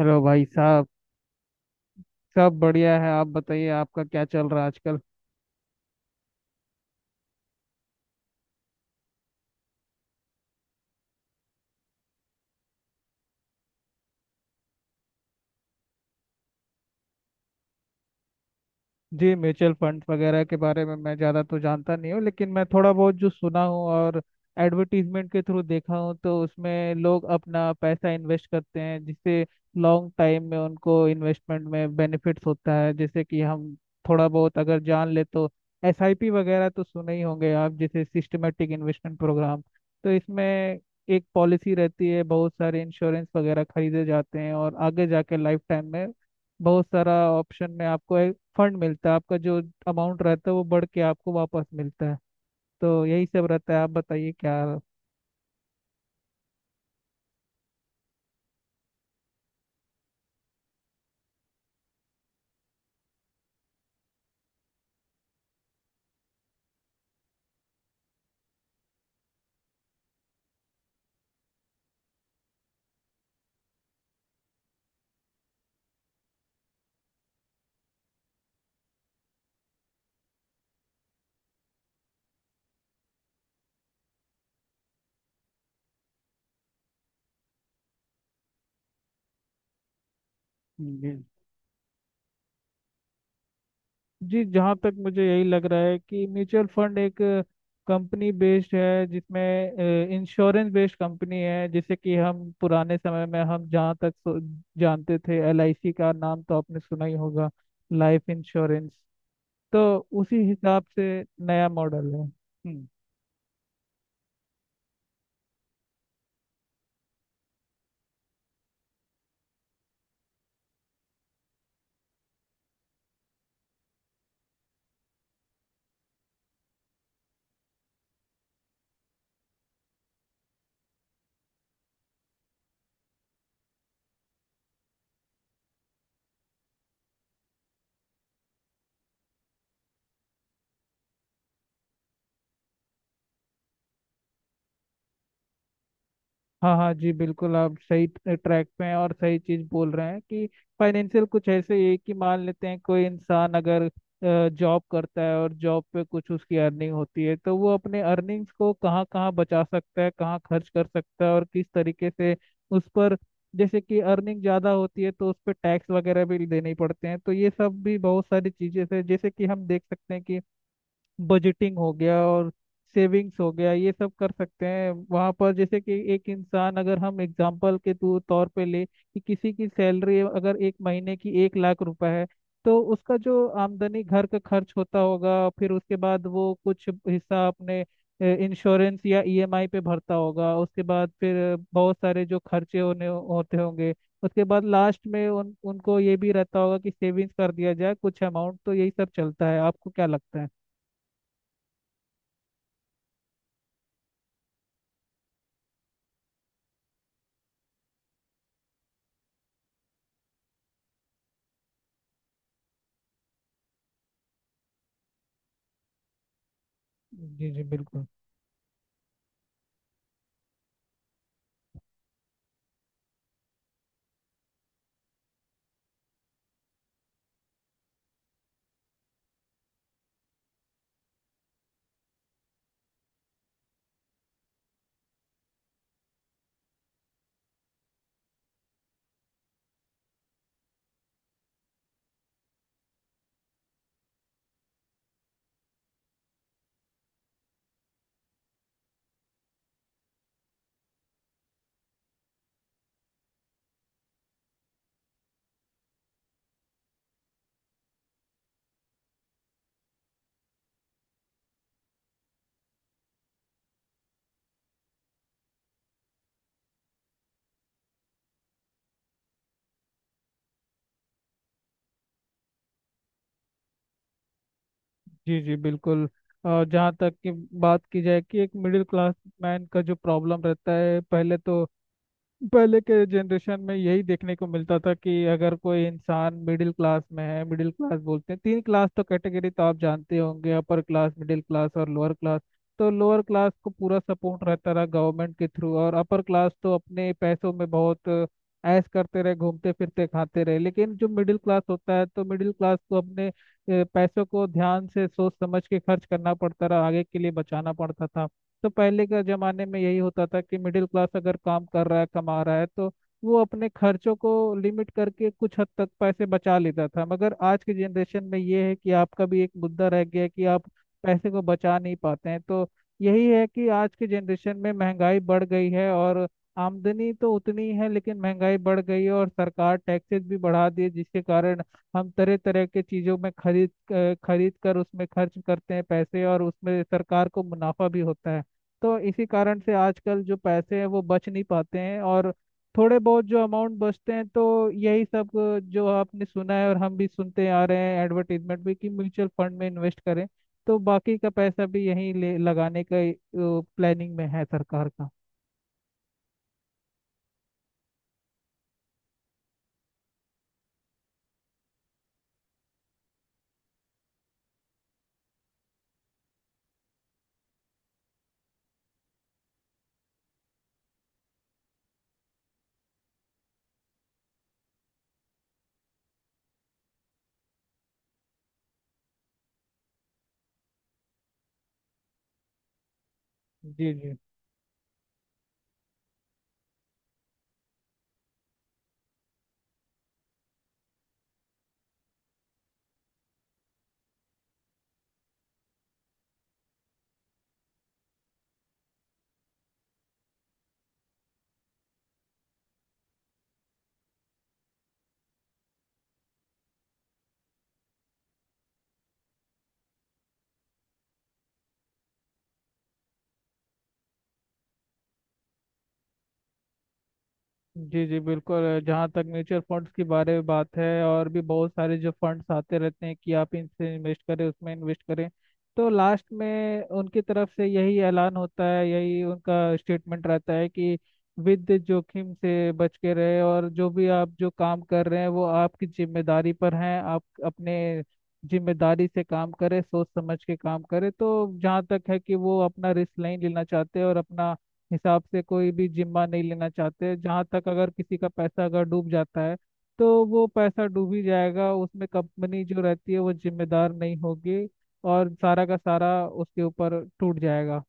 Hello भाई साहब। सब बढ़िया है। आप बताइए, आपका क्या चल रहा है आजकल। जी, म्यूचुअल फंड वगैरह के बारे में मैं ज़्यादा तो जानता नहीं हूँ, लेकिन मैं थोड़ा बहुत जो सुना हूँ और एडवर्टीजमेंट के थ्रू देखा हूँ, तो उसमें लोग अपना पैसा इन्वेस्ट करते हैं, जिससे लॉन्ग टाइम में उनको इन्वेस्टमेंट में बेनिफिट्स होता है। जैसे कि हम थोड़ा बहुत अगर जान ले तो एसआईपी वगैरह तो सुने ही होंगे आप, जैसे सिस्टमेटिक इन्वेस्टमेंट प्रोग्राम। तो इसमें एक पॉलिसी रहती है, बहुत सारे इंश्योरेंस वगैरह खरीदे जाते हैं, और आगे जाके लाइफ टाइम में बहुत सारा ऑप्शन में आपको फंड मिलता है। आपका जो अमाउंट रहता है, वो बढ़ के आपको वापस मिलता है। तो यही सब रहता है, आप बताइए क्या। जी जी। जहाँ तक मुझे यही लग रहा है कि म्यूचुअल फंड एक कंपनी बेस्ड है, जिसमें इंश्योरेंस बेस्ड कंपनी है, जैसे कि हम पुराने समय में हम जहाँ तक जानते थे एलआईसी का नाम तो आपने सुना ही होगा, लाइफ इंश्योरेंस। तो उसी हिसाब से नया मॉडल है। हम्म। हाँ हाँ जी, बिल्कुल आप सही ट्रैक पे हैं और सही चीज बोल रहे हैं कि फाइनेंशियल कुछ ऐसे ही है कि मान लेते हैं कोई इंसान अगर जॉब करता है और जॉब पे कुछ उसकी अर्निंग होती है, तो वो अपने अर्निंग्स को कहाँ कहाँ बचा सकता है, कहाँ खर्च कर सकता है, और किस तरीके से उस पर। जैसे कि अर्निंग ज़्यादा होती है तो उस पर टैक्स वगैरह भी देने पड़ते हैं, तो ये सब भी बहुत सारी चीज़ें हैं। जैसे कि हम देख सकते हैं कि बजटिंग हो गया और सेविंग्स हो गया, ये सब कर सकते हैं वहाँ पर। जैसे कि एक इंसान, अगर हम एग्जाम्पल के तौर तौर पे ले कि किसी की सैलरी अगर एक महीने की 1 लाख रुपए है, तो उसका जो आमदनी घर का खर्च होता होगा, फिर उसके बाद वो कुछ हिस्सा अपने इंश्योरेंस या ईएमआई पे भरता होगा, उसके बाद फिर बहुत सारे जो खर्चे होने होते होंगे, उसके बाद लास्ट में उन उनको ये भी रहता होगा कि सेविंग्स कर दिया जाए कुछ अमाउंट। तो यही सब चलता है, आपको क्या लगता है। जी जी बिल्कुल। जी जी बिल्कुल। और जहाँ तक कि बात की जाए कि एक मिडिल क्लास मैन का जो प्रॉब्लम रहता है, पहले तो पहले के जनरेशन में यही देखने को मिलता था कि अगर कोई इंसान मिडिल क्लास में है। मिडिल क्लास बोलते हैं तीन क्लास, तो कैटेगरी तो आप जानते होंगे, अपर क्लास, मिडिल क्लास और लोअर क्लास। तो लोअर क्लास को पूरा सपोर्ट रहता रहा गवर्नमेंट के थ्रू, और अपर क्लास तो अपने पैसों में बहुत ऐश करते रहे, घूमते फिरते खाते रहे, लेकिन जो मिडिल क्लास होता है, तो मिडिल क्लास को अपने पैसों को ध्यान से सोच समझ के खर्च करना पड़ता रहा, आगे के लिए बचाना पड़ता था। तो पहले के जमाने में यही होता था कि मिडिल क्लास अगर काम कर रहा है, कमा रहा है, तो वो अपने खर्चों को लिमिट करके कुछ हद तक पैसे बचा लेता था। मगर आज के जनरेशन में ये है कि आपका भी एक मुद्दा रह गया है कि आप पैसे को बचा नहीं पाते हैं। तो यही है कि आज के जनरेशन में महंगाई बढ़ गई है, और आमदनी तो उतनी है लेकिन महंगाई बढ़ गई है, और सरकार टैक्सेस भी बढ़ा दिए, जिसके कारण हम तरह तरह के चीज़ों में खरीद खरीद कर उसमें खर्च करते हैं पैसे, और उसमें सरकार को मुनाफा भी होता है। तो इसी कारण से आजकल जो पैसे हैं वो बच नहीं पाते हैं, और थोड़े बहुत जो अमाउंट बचते हैं, तो यही सब जो आपने सुना है और हम भी सुनते आ रहे हैं एडवर्टीजमेंट भी कि म्यूचुअल फंड में इन्वेस्ट करें। तो बाकी का पैसा भी यहीं ले लगाने का प्लानिंग में है सरकार का। जी जी जी। जी बिल्कुल। जहाँ तक म्यूचुअल फंड्स के बारे में बात है, और भी बहुत सारे जो फंड्स आते रहते हैं कि आप इनसे इन्वेस्ट करें, उसमें इन्वेस्ट करें, तो लास्ट में उनकी तरफ से यही ऐलान होता है, यही उनका स्टेटमेंट रहता है कि विद जोखिम से बच के रहे, और जो भी आप जो काम कर रहे हैं वो आपकी जिम्मेदारी पर हैं, आप अपने जिम्मेदारी से काम करें, सोच समझ के काम करें। तो जहाँ तक है कि वो अपना रिस्क नहीं लेना चाहते और अपना हिसाब से कोई भी जिम्मा नहीं लेना चाहते, जहाँ तक अगर किसी का पैसा अगर डूब जाता है, तो वो पैसा डूब ही जाएगा, उसमें कंपनी जो रहती है वो जिम्मेदार नहीं होगी, और सारा का सारा उसके ऊपर टूट जाएगा।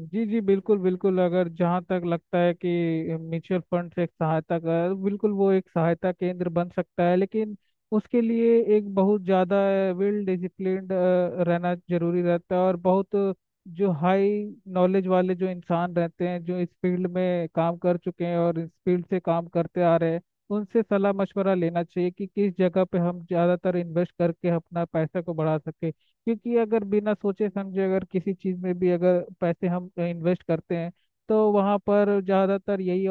जी जी बिल्कुल बिल्कुल। अगर जहाँ तक लगता है कि म्यूचुअल फंड एक सहायता का है, बिल्कुल वो एक सहायता केंद्र बन सकता है, लेकिन उसके लिए एक बहुत ज़्यादा वेल डिसिप्लिन्ड रहना जरूरी रहता है, और बहुत जो हाई नॉलेज वाले जो इंसान रहते हैं, जो इस फील्ड में काम कर चुके हैं और इस फील्ड से काम करते आ रहे हैं, उनसे सलाह मशवरा लेना चाहिए कि किस जगह पे हम ज़्यादातर इन्वेस्ट करके अपना पैसा को बढ़ा सके। क्योंकि अगर बिना सोचे समझे अगर किसी चीज़ में भी अगर पैसे हम इन्वेस्ट करते हैं, तो वहाँ पर ज़्यादातर यही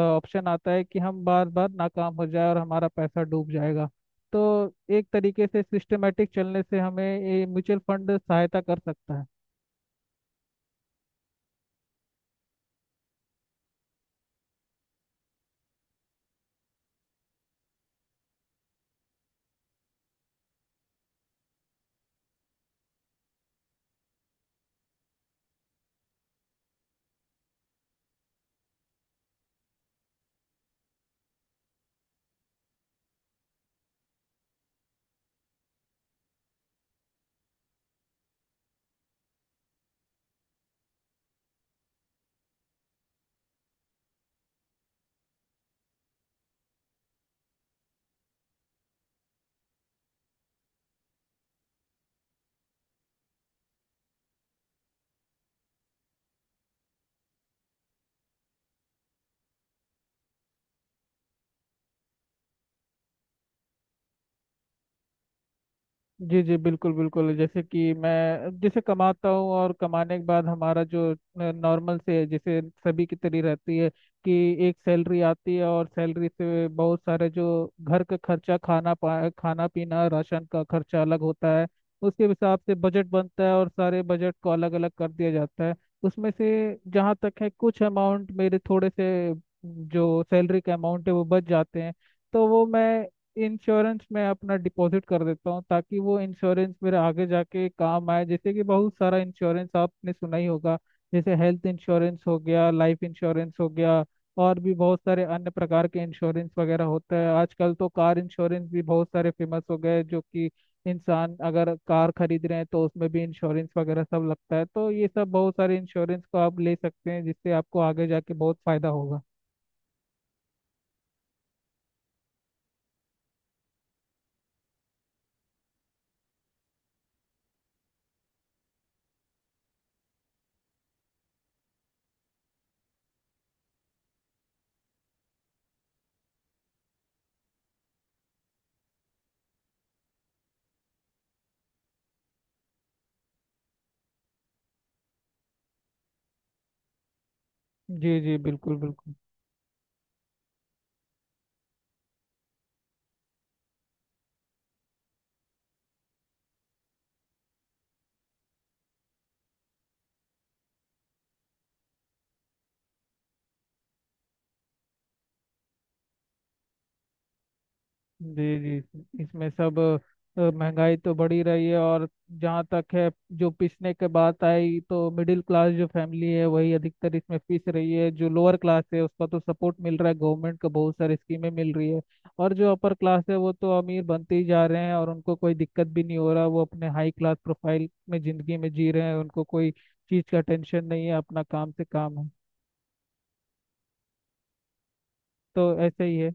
ऑप्शन आता है कि हम बार बार नाकाम हो जाए और हमारा पैसा डूब जाएगा। तो एक तरीके से सिस्टमेटिक चलने से हमें ये म्यूचुअल फंड सहायता कर सकता है। जी जी बिल्कुल बिल्कुल। जैसे कि मैं, जैसे कमाता हूँ और कमाने के बाद हमारा जो नॉर्मल से है जैसे सभी की तरह रहती है कि एक सैलरी आती है, और सैलरी से बहुत सारे जो घर का खर्चा, खाना पीना, राशन का खर्चा अलग होता है। उसके हिसाब से बजट बनता है, और सारे बजट को अलग अलग कर दिया जाता है। उसमें से जहाँ तक है कुछ अमाउंट मेरे थोड़े से जो सैलरी का अमाउंट है वो बच जाते हैं। तो वो मैं इंश्योरेंस में अपना डिपॉजिट कर देता हूँ, ताकि वो इंश्योरेंस मेरे आगे जाके काम आए। जैसे कि बहुत सारा इंश्योरेंस आपने सुना ही होगा, जैसे हेल्थ इंश्योरेंस हो गया, लाइफ इंश्योरेंस हो गया, और भी बहुत सारे अन्य प्रकार के इंश्योरेंस वगैरह होता है। आजकल तो कार इंश्योरेंस भी बहुत सारे फेमस हो गए, जो कि इंसान अगर कार खरीद रहे हैं तो उसमें भी इंश्योरेंस वगैरह सब लगता है। तो ये सब बहुत सारे इंश्योरेंस को आप ले सकते हैं, जिससे आपको आगे जाके बहुत फायदा होगा। जी जी बिल्कुल बिल्कुल। जी जी, इसमें सब महंगाई तो बढ़ी रही है। और जहाँ तक है, जो पिसने के बात आई, तो मिडिल क्लास जो फैमिली है वही अधिकतर इसमें पिस रही है। जो लोअर क्लास है उसका तो सपोर्ट मिल रहा है गवर्नमेंट का, बहुत सारी स्कीमें मिल रही है। और जो अपर क्लास है वो तो अमीर बनते ही जा रहे हैं, और उनको कोई दिक्कत भी नहीं हो रहा, वो अपने हाई क्लास प्रोफाइल में जिंदगी में जी रहे हैं, उनको कोई चीज़ का टेंशन नहीं है, अपना काम से काम है। तो ऐसे ही है।